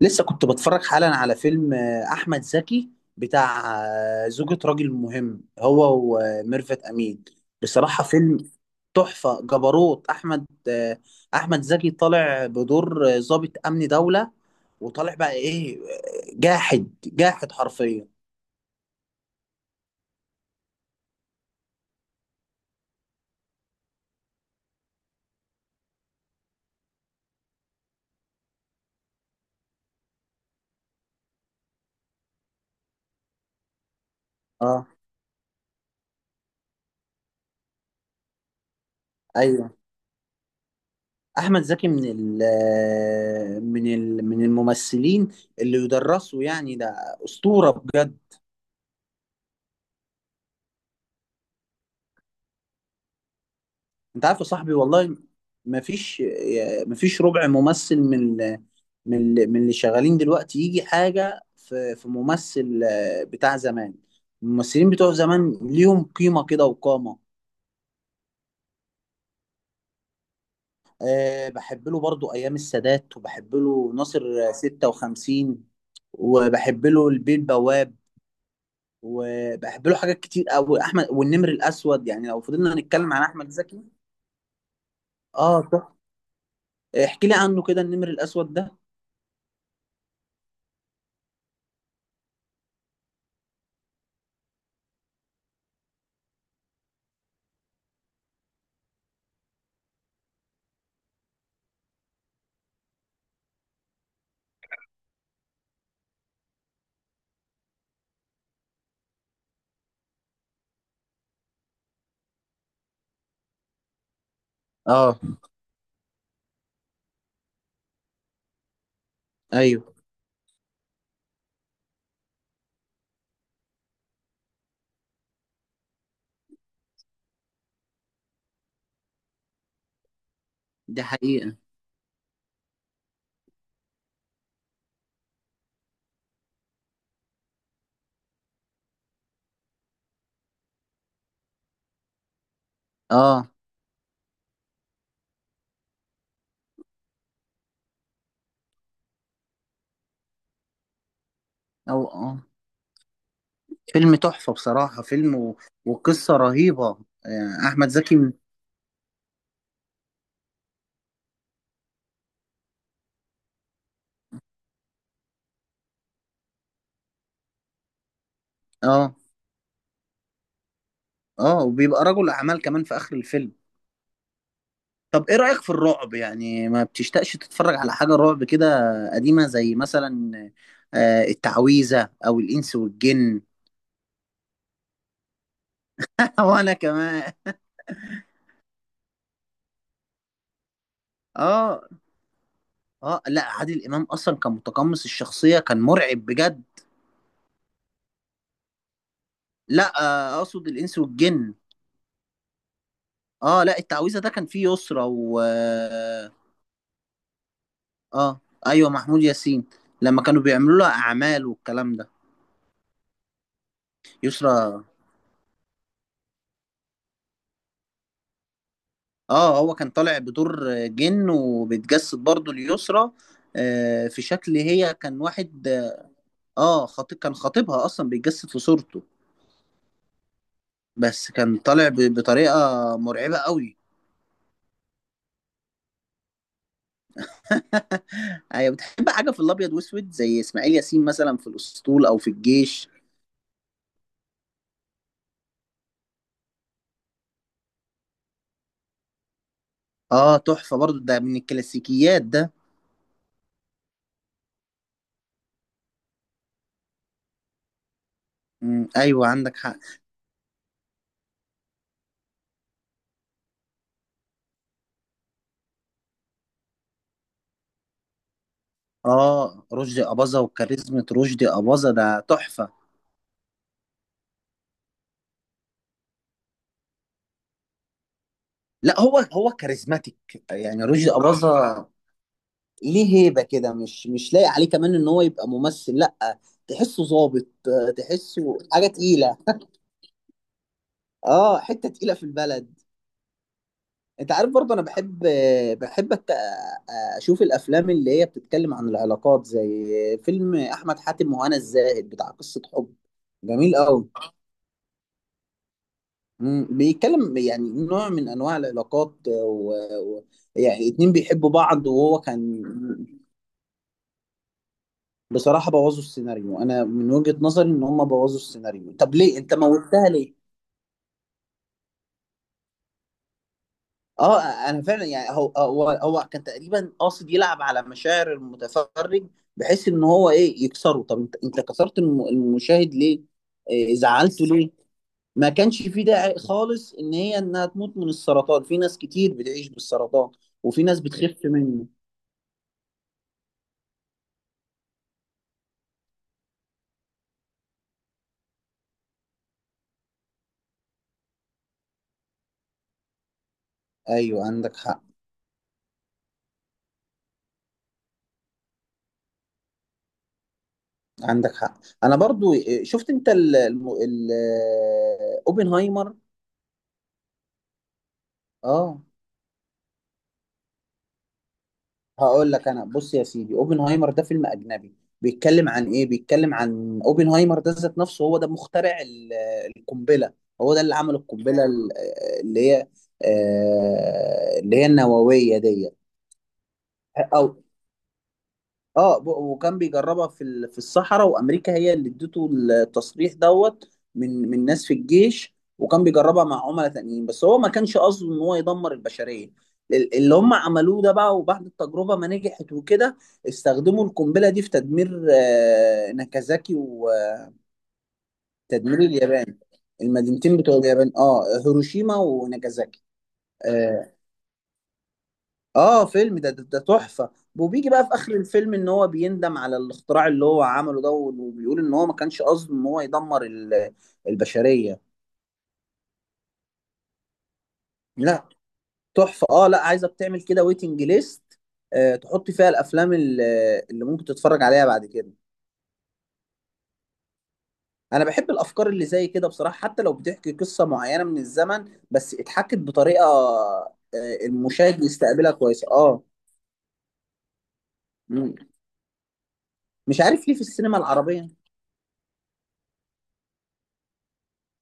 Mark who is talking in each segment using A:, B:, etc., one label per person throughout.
A: لسه كنت بتفرج حالا على فيلم احمد زكي بتاع زوجة راجل مهم، هو وميرفت امين. بصراحة فيلم تحفة جبروت احمد زكي. طالع بدور ضابط امن دولة، وطالع بقى ايه، جاحد، جاحد حرفيا. اه، ايوه. احمد زكي من ال آه، من ال من الممثلين اللي يدرسوا يعني. ده اسطورة بجد. انت عارف يا صاحبي والله. ما فيش ما فيش ربع ممثل من من اللي شغالين دلوقتي يجي حاجة في ممثل بتاع زمان. الممثلين بتوع زمان ليهم قيمة كده وقامة. أه، بحب له برضو أيام السادات، وبحب له ناصر 56، وبحب له البيه البواب، وبحب له حاجات كتير قوي، أحمد والنمر الأسود. يعني لو فضلنا نتكلم عن أحمد زكي. اه صح. احكي لي عنه كده، النمر الأسود ده. اه، ايوه. دي حقيقة. اه. او اه. فيلم تحفة بصراحة، وقصة رهيبة. آه، احمد زكي م- اه. اه، وبيبقى رجل اعمال كمان في اخر الفيلم. طب ايه رأيك في الرعب؟ يعني ما بتشتاقش تتفرج على حاجة رعب كده قديمة، زي مثلا التعويذة او الانس والجن؟ وانا كمان. اه. اه، لا عادل امام اصلا كان متقمص الشخصية، كان مرعب بجد. لا، اقصد الانس والجن. اه لا، التعويذة ده كان فيه يسرى و اه ايوه، محمود ياسين، لما كانوا بيعملوا لها اعمال والكلام ده. يسرا. اه، هو كان طالع بدور جن وبيتجسد برضه ليسرا، في شكل، هي كان واحد. اه، خطيب، كان خطيبها اصلا بيتجسد في صورته. بس كان طالع بطريقه مرعبه قوي. ايوه. بتحب حاجه في الابيض واسود، زي اسماعيل ياسين مثلا في الاسطول او في الجيش؟ اه تحفه برضه، ده من الكلاسيكيات ده. ايوه عندك حق. اه رشدي اباظة، وكاريزما رشدي اباظة ده تحفة. لا، هو كاريزماتيك يعني رشدي اباظة. ليه هيبة كده. مش لاقي عليه كمان ان هو يبقى ممثل، لا، تحسه ظابط، تحسه حاجة تقيلة. اه، حتة تقيلة في البلد. انت عارف برضه انا بحب، بحب أت- اشوف الافلام اللي هي بتتكلم عن العلاقات، زي فيلم احمد حاتم وهنا الزاهد بتاع قصة حب، جميل قوي. بيتكلم يعني نوع من انواع العلاقات و... يعني اتنين بيحبوا بعض، وهو كان بصراحة بوظوا السيناريو. انا من وجهة نظري ان هم بوظوا السيناريو. طب ليه انت موتها ليه؟ اه انا فعلا يعني، هو كان تقريبا قاصد يلعب على مشاعر المتفرج، بحيث ان هو ايه، يكسره. طب انت كسرت المشاهد ليه؟ إيه زعلته ليه؟ ما كانش في داعي خالص ان انها تموت من السرطان. في ناس كتير بتعيش بالسرطان، وفي ناس بتخف منه. ايوه عندك حق. عندك حق. انا برضو شفت انت ال الم- ال- آه، اوبنهايمر. اه، هقول لك. انا بص يا سيدي، اوبنهايمر ده فيلم اجنبي، بيتكلم عن ايه؟ بيتكلم عن اوبنهايمر ده ذات نفسه. هو ده مخترع القنبله. هو ده اللي عمل القنبله اللي هي النوويه دي. او اه. وكان بيجربها في في الصحراء، وامريكا هي اللي ادته التصريح دوت، من ناس في الجيش. وكان بيجربها مع عملاء تانيين، بس هو ما كانش قصده ان هو يدمر البشريه. اللي هم عملوه ده بقى. وبعد التجربه ما نجحت وكده، استخدموا القنبله دي في تدمير ناكازاكي، وتدمير اليابان. المدينتين بتوع اليابان، اه، هيروشيما وناكازاكي. آه، اه، فيلم ده تحفة. وبيجي بقى في اخر الفيلم ان هو بيندم على الاختراع اللي هو عمله ده، وبيقول ان هو ما كانش قصده ان هو يدمر البشرية. لا تحفة. اه لا، عايزك تعمل كده، ويتنج ليست، تحط فيها الافلام اللي ممكن تتفرج عليها بعد كده. انا بحب الافكار اللي زي كده بصراحة، حتى لو بتحكي قصة معينة من الزمن، بس اتحكت بطريقة آه، المشاهد يستقبلها كويسة. اه. مم. مش عارف ليه في السينما العربية.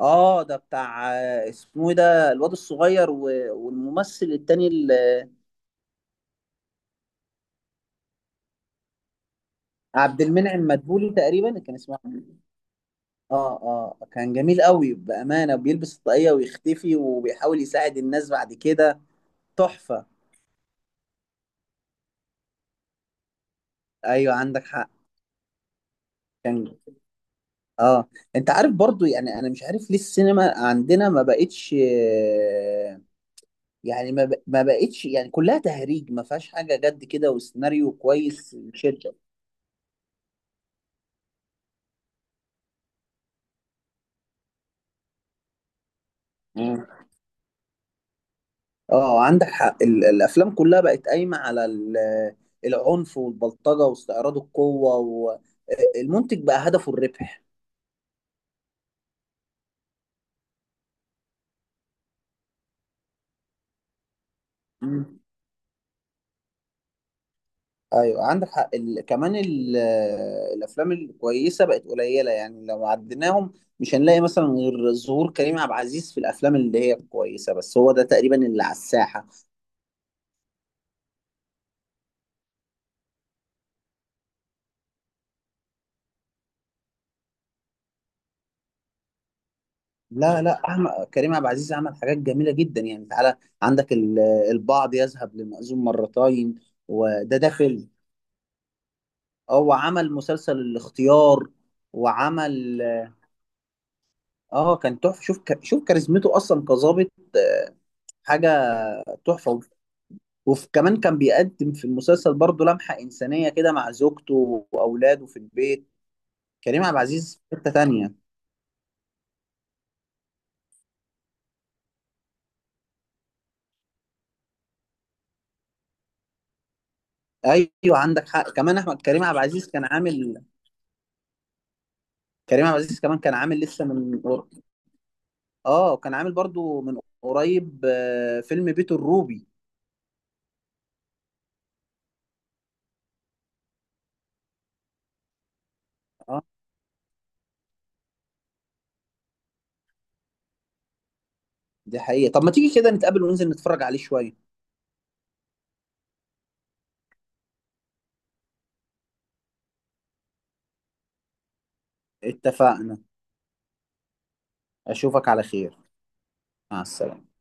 A: اه ده بتاع اسمه ايه ده، الواد الصغير والممثل التاني عبد المنعم مدبولي تقريبا كان اسمه. اه. اه كان جميل قوي بأمانة، بيلبس الطاقية ويختفي، وبيحاول يساعد الناس بعد كده. تحفة. ايوه عندك حق. كان. اه. انت عارف برضو، يعني انا مش عارف ليه السينما عندنا ما بقتش، يعني ما بقتش، يعني كلها تهريج، ما فيهاش حاجة جد كده وسيناريو كويس يشد. اه عندك حق. الافلام كلها بقت قايمه على العنف والبلطجه واستعراض القوه، والمنتج بقى هدفه الربح. مم. ايوه عندك حق. الافلام الكويسه بقت قليله، يعني لو عديناهم مش هنلاقي مثلا غير ظهور كريم عبد العزيز في الافلام اللي هي كويسه، بس هو ده تقريبا اللي على الساحه. لا، أحمد كريم عبد العزيز عمل حاجات جميله جدا، يعني تعالى. عندك البعض يذهب لمأذون مرتين، ده فيلم. اه، وعمل مسلسل الاختيار، وعمل. اه كان تحفه، شوف كاريزمته اصلا كظابط، آه، حاجه تحفه. وكمان كان بيقدم في المسلسل برضه لمحه انسانيه كده مع زوجته واولاده في البيت. كريم عبد العزيز في حته تانيه. ايوه عندك حق. كمان احمد كريم عبد العزيز كان عامل. كريم عبد العزيز كمان كان عامل لسه من، اه كان عامل برضه من قريب فيلم بيت الروبي. اه دي حقيقه. طب ما تيجي كده نتقابل وننزل نتفرج عليه شويه. اتفقنا. أشوفك على خير. مع السلامة.